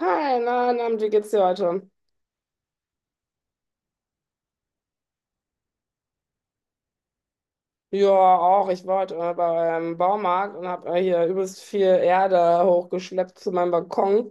Hi, mein Name ist Georgio. Ja, auch. Ich war heute beim Baumarkt und habe hier übelst viel Erde hochgeschleppt zu meinem Balkon.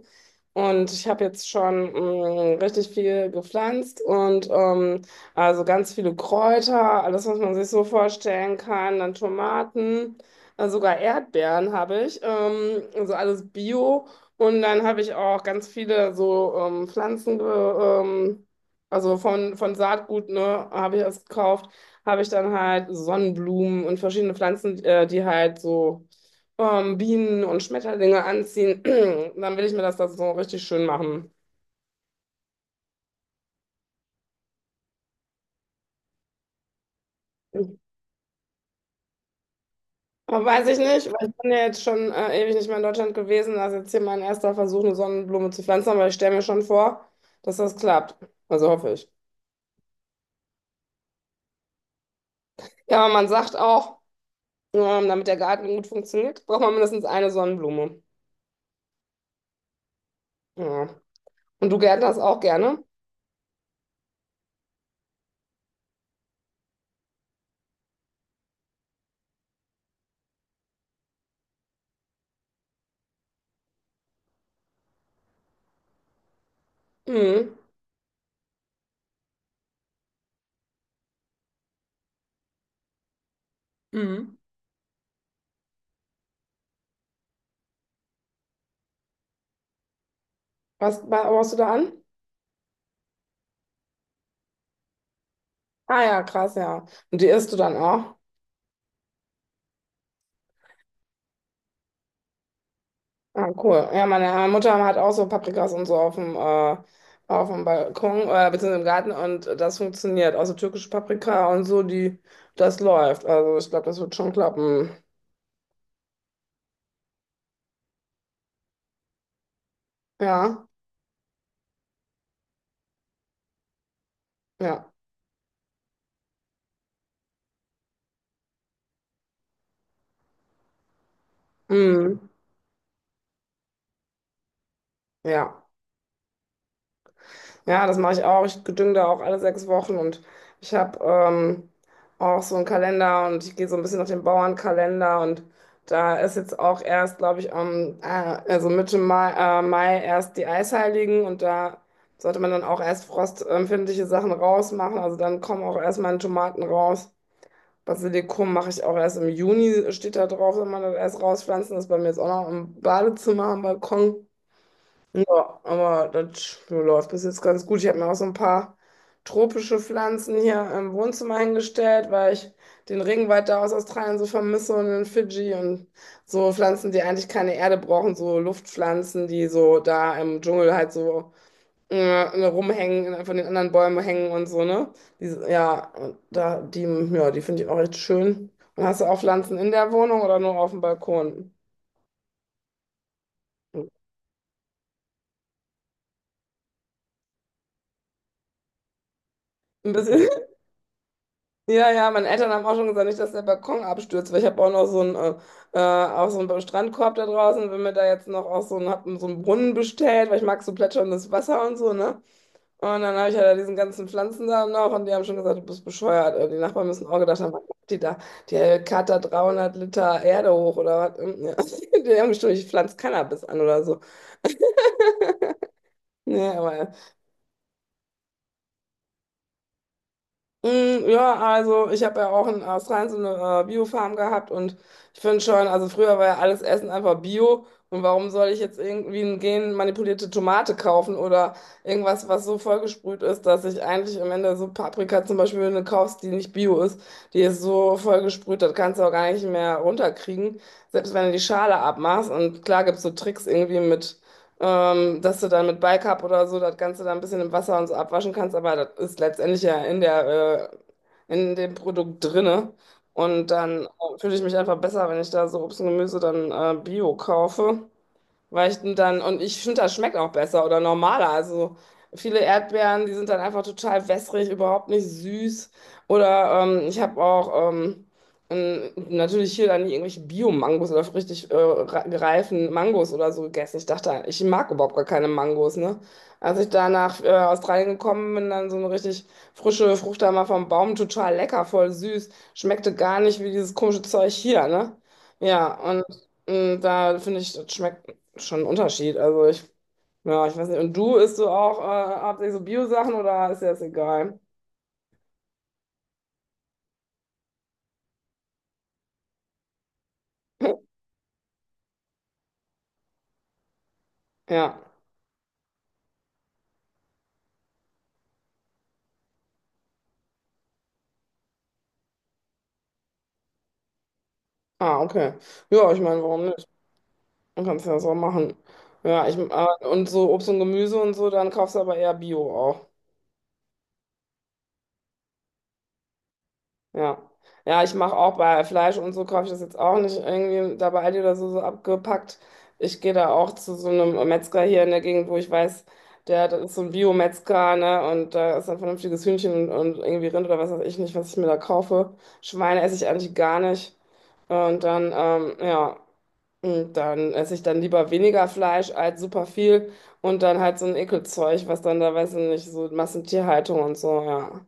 Und ich habe jetzt schon richtig viel gepflanzt und also ganz viele Kräuter, alles, was man sich so vorstellen kann, dann Tomaten, sogar Erdbeeren habe ich, also alles Bio. Und dann habe ich auch ganz viele so Pflanzen, ähm, also von Saatgut, ne, habe ich erst gekauft habe ich dann halt Sonnenblumen und verschiedene Pflanzen, die halt so Bienen und Schmetterlinge anziehen. Dann will ich mir das so richtig schön machen. Aber weiß ich nicht, weil ich bin ja jetzt schon ewig nicht mehr in Deutschland gewesen. Das ist jetzt hier mein erster Versuch, eine Sonnenblume zu pflanzen, aber ich stelle mir schon vor, dass das klappt. Also hoffe ich. Ja, aber man sagt auch, damit der Garten gut funktioniert, braucht man mindestens eine Sonnenblume. Ja. Und du gärtnerst auch gerne? Mhm. Mhm. Was baust du da an? Ah ja, krass, ja. Und die isst du dann auch? Ah, cool. Ja, meine Mutter hat auch so Paprikas und so auf dem Balkon, beziehungsweise im Garten und das funktioniert. Also türkische Paprika und so, die, das läuft. Also ich glaube, das wird schon klappen. Ja, ja. Mm, ja. Ja, das mache ich auch. Ich gedüng da auch alle 6 Wochen und ich habe auch so einen Kalender und ich gehe so ein bisschen nach dem Bauernkalender und da ist jetzt auch erst, glaube ich, am, also Mitte Mai, Mai erst die Eisheiligen und da sollte man dann auch erst frostempfindliche Sachen rausmachen. Also dann kommen auch erst meine Tomaten raus. Basilikum mache ich auch erst im Juni, steht da drauf, wenn man das erst rauspflanzen. Das ist bei mir jetzt auch noch im Badezimmer am Balkon. Ja, aber das läuft bis jetzt ganz gut. Ich habe mir auch so ein paar tropische Pflanzen hier im Wohnzimmer hingestellt, weil ich den Regenwald da aus Australien so vermisse und in Fidschi und so Pflanzen, die eigentlich keine Erde brauchen, so Luftpflanzen, die so da im Dschungel halt so ne, rumhängen, von den anderen Bäumen hängen und so, ne? Die, ja, und da, die, ja, die finde ich auch echt schön. Und hast du auch Pflanzen in der Wohnung oder nur auf dem Balkon? Ein bisschen. Ja, ja, meine Eltern haben auch schon gesagt, nicht, dass der Balkon abstürzt, weil ich habe auch noch so einen, auch so einen Strandkorb da draußen. Wenn mir da jetzt noch auch so einen, hab so einen Brunnen bestellt, weil ich mag so plätscherndes Wasser und so, ne? Und dann habe ich ja da diesen ganzen Pflanzen da noch und die haben schon gesagt, du bist bescheuert. Die Nachbarn müssen auch gedacht haben, was macht die da? Die Kater 300 Liter Erde hoch oder was? Ja. Die haben bestimmt, ich pflanze Cannabis an oder so. Nee, aber ja, also ich habe ja auch in Australien so eine Biofarm gehabt und ich finde schon, also früher war ja alles Essen einfach Bio und warum soll ich jetzt irgendwie eine genmanipulierte Tomate kaufen oder irgendwas, was so vollgesprüht ist, dass ich eigentlich am Ende so Paprika zum Beispiel wenn du kaufst, die nicht Bio ist, die ist so vollgesprüht, das kannst du auch gar nicht mehr runterkriegen, selbst wenn du die Schale abmachst und klar gibt's so Tricks irgendwie mit dass du dann mit Bicarb oder so das Ganze dann ein bisschen im Wasser und so abwaschen kannst, aber das ist letztendlich ja in der, in dem Produkt drinne. Und dann fühle ich mich einfach besser, wenn ich da so Obst und Gemüse dann Bio kaufe. Weil ich dann, und ich finde, das schmeckt auch besser oder normaler. Also viele Erdbeeren, die sind dann einfach total wässrig, überhaupt nicht süß. Oder ich habe auch natürlich hier dann irgendwelche Bio-Mangos oder richtig reifen Mangos oder so gegessen. Ich dachte, ich mag überhaupt gar keine Mangos, ne? Als ich da nach Australien gekommen bin, dann so eine richtig frische Frucht da mal vom Baum, total lecker, voll süß. Schmeckte gar nicht wie dieses komische Zeug hier, ne? Ja, und. Da finde ich, das schmeckt schon ein Unterschied. Also ich, ja, ich weiß nicht. Und du isst du auch hauptsächlich so Bio-Sachen oder ist dir das egal? Ja. Ah, okay. Ja, ich meine, warum nicht? Man kann es ja so machen. Ja, ich, und so Obst und Gemüse und so, dann kaufst aber eher Bio auch. Ja. Ja, ich mache auch bei Fleisch und so kaufe ich das jetzt auch nicht irgendwie da bei Aldi oder so, so abgepackt. Ich gehe da auch zu so einem Metzger hier in der Gegend, wo ich weiß, der, das ist so ein Bio-Metzger, ne? Und da ist ein vernünftiges Hühnchen und, irgendwie Rind oder was weiß ich nicht, was ich mir da kaufe. Schweine esse ich eigentlich gar nicht. Und dann, ja, und dann esse ich dann lieber weniger Fleisch als super viel und dann halt so ein Ekelzeug, was dann da, weiß ich nicht, so Massentierhaltung und so, ja.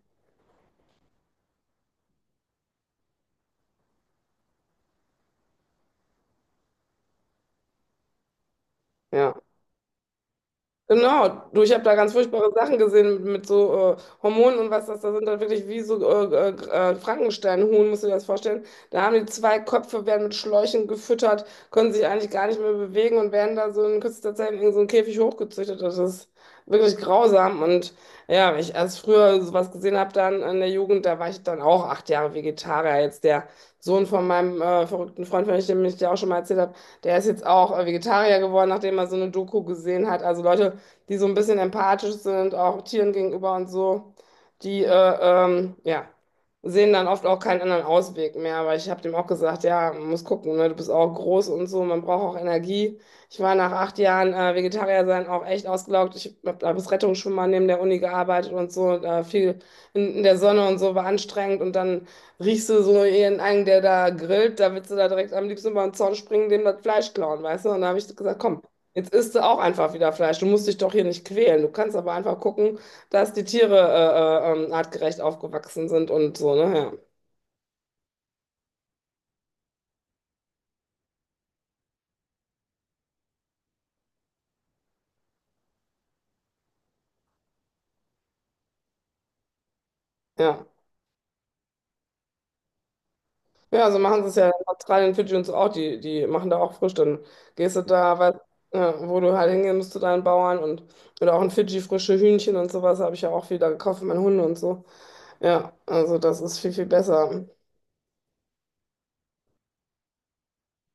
Ja. Genau, du, ich habe da ganz furchtbare Sachen gesehen mit so Hormonen und was das da sind, dann wirklich wie so Frankensteinhuhn, musst du dir das vorstellen. Da haben die zwei Köpfe, werden mit Schläuchen gefüttert, können sich eigentlich gar nicht mehr bewegen und werden da so in kürzester Zeit in so einen Käfig hochgezüchtet. Das ist wirklich grausam. Und ja, wenn ich erst früher sowas gesehen habe, dann in der Jugend, da war ich dann auch 8 Jahre Vegetarier. Jetzt der Sohn von meinem verrückten Freund, von dem ich dir auch schon mal erzählt habe, der ist jetzt auch Vegetarier geworden, nachdem er so eine Doku gesehen hat. Also Leute, die so ein bisschen empathisch sind, auch Tieren gegenüber und so, die ja, sehen dann oft auch keinen anderen Ausweg mehr. Aber ich habe dem auch gesagt, ja, man muss gucken, ne? Du bist auch groß und so, man braucht auch Energie. Ich war nach 8 Jahren Vegetarier sein auch echt ausgelaugt. Ich habe als Rettungsschwimmer neben der Uni gearbeitet und so, und, viel in der Sonne und so, war anstrengend und dann riechst du so ihren einen, der da grillt, da willst du da direkt am liebsten über den Zaun springen, dem das Fleisch klauen, weißt du? Und da habe ich gesagt, komm, jetzt isst du auch einfach wieder Fleisch. Du musst dich doch hier nicht quälen. Du kannst aber einfach gucken, dass die Tiere artgerecht aufgewachsen sind und so, ne? Ja. Ja, ja so machen sie es ja in Australien, Fidschi und so auch. Die, die machen da auch frisch. Dann gehst du da, weißt, ja, wo du halt hingehen musst zu deinen Bauern und oder auch in Fidschi frische Hühnchen und sowas habe ich ja auch wieder gekauft für meine Hunde und so. Ja, also das ist viel, viel besser.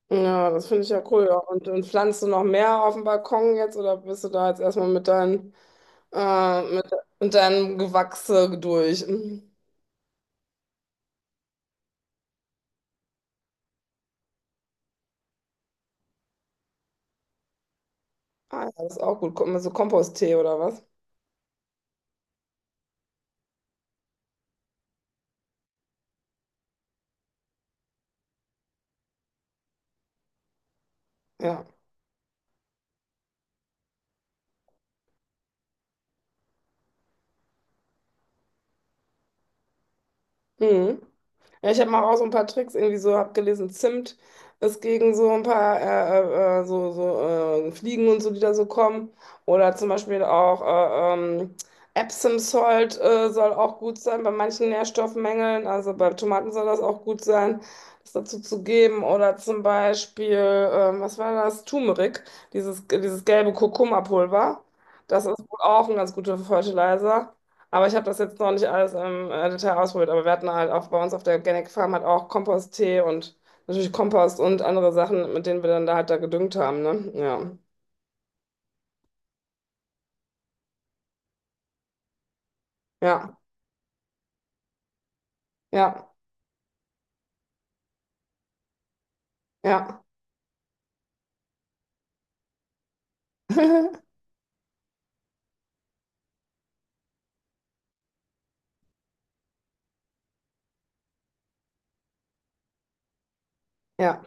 Ja, das finde ich ja cool. Ja. Und, pflanzt du noch mehr auf dem Balkon jetzt oder bist du da jetzt erstmal mit deinen. Äh, mit, mit deinem Gewächse durch. Mhm. Ah, ja, das ist auch gut. So Komposttee oder was? Ja. Mhm. Ja, ich habe mal auch so ein paar Tricks irgendwie so abgelesen. Zimt ist gegen so ein paar so Fliegen und so, die da so kommen. Oder zum Beispiel auch Epsom Salt soll auch gut sein bei manchen Nährstoffmängeln. Also bei Tomaten soll das auch gut sein, das dazu zu geben. Oder zum Beispiel, was war das? Turmeric, dieses gelbe Kurkuma-Pulver. Das ist wohl auch ein ganz guter Fertilizer. Aber ich habe das jetzt noch nicht alles im Detail ausprobiert. Aber wir hatten halt auch bei uns auf der Organic Farm halt auch Komposttee und natürlich Kompost und andere Sachen, mit denen wir dann da halt da gedüngt haben, ne? Ja. Ja. Ja. Ja. Ja.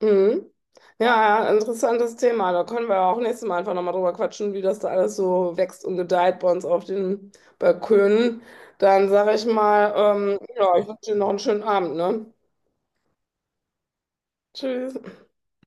Mhm. Ja, ja, interessantes Thema. Da können wir auch nächstes Mal einfach nochmal drüber quatschen, wie das da alles so wächst und gedeiht bei uns auf den Balkönen. Dann sage ich mal, ja, ich wünsche dir noch einen schönen Abend, ne? Tschüss.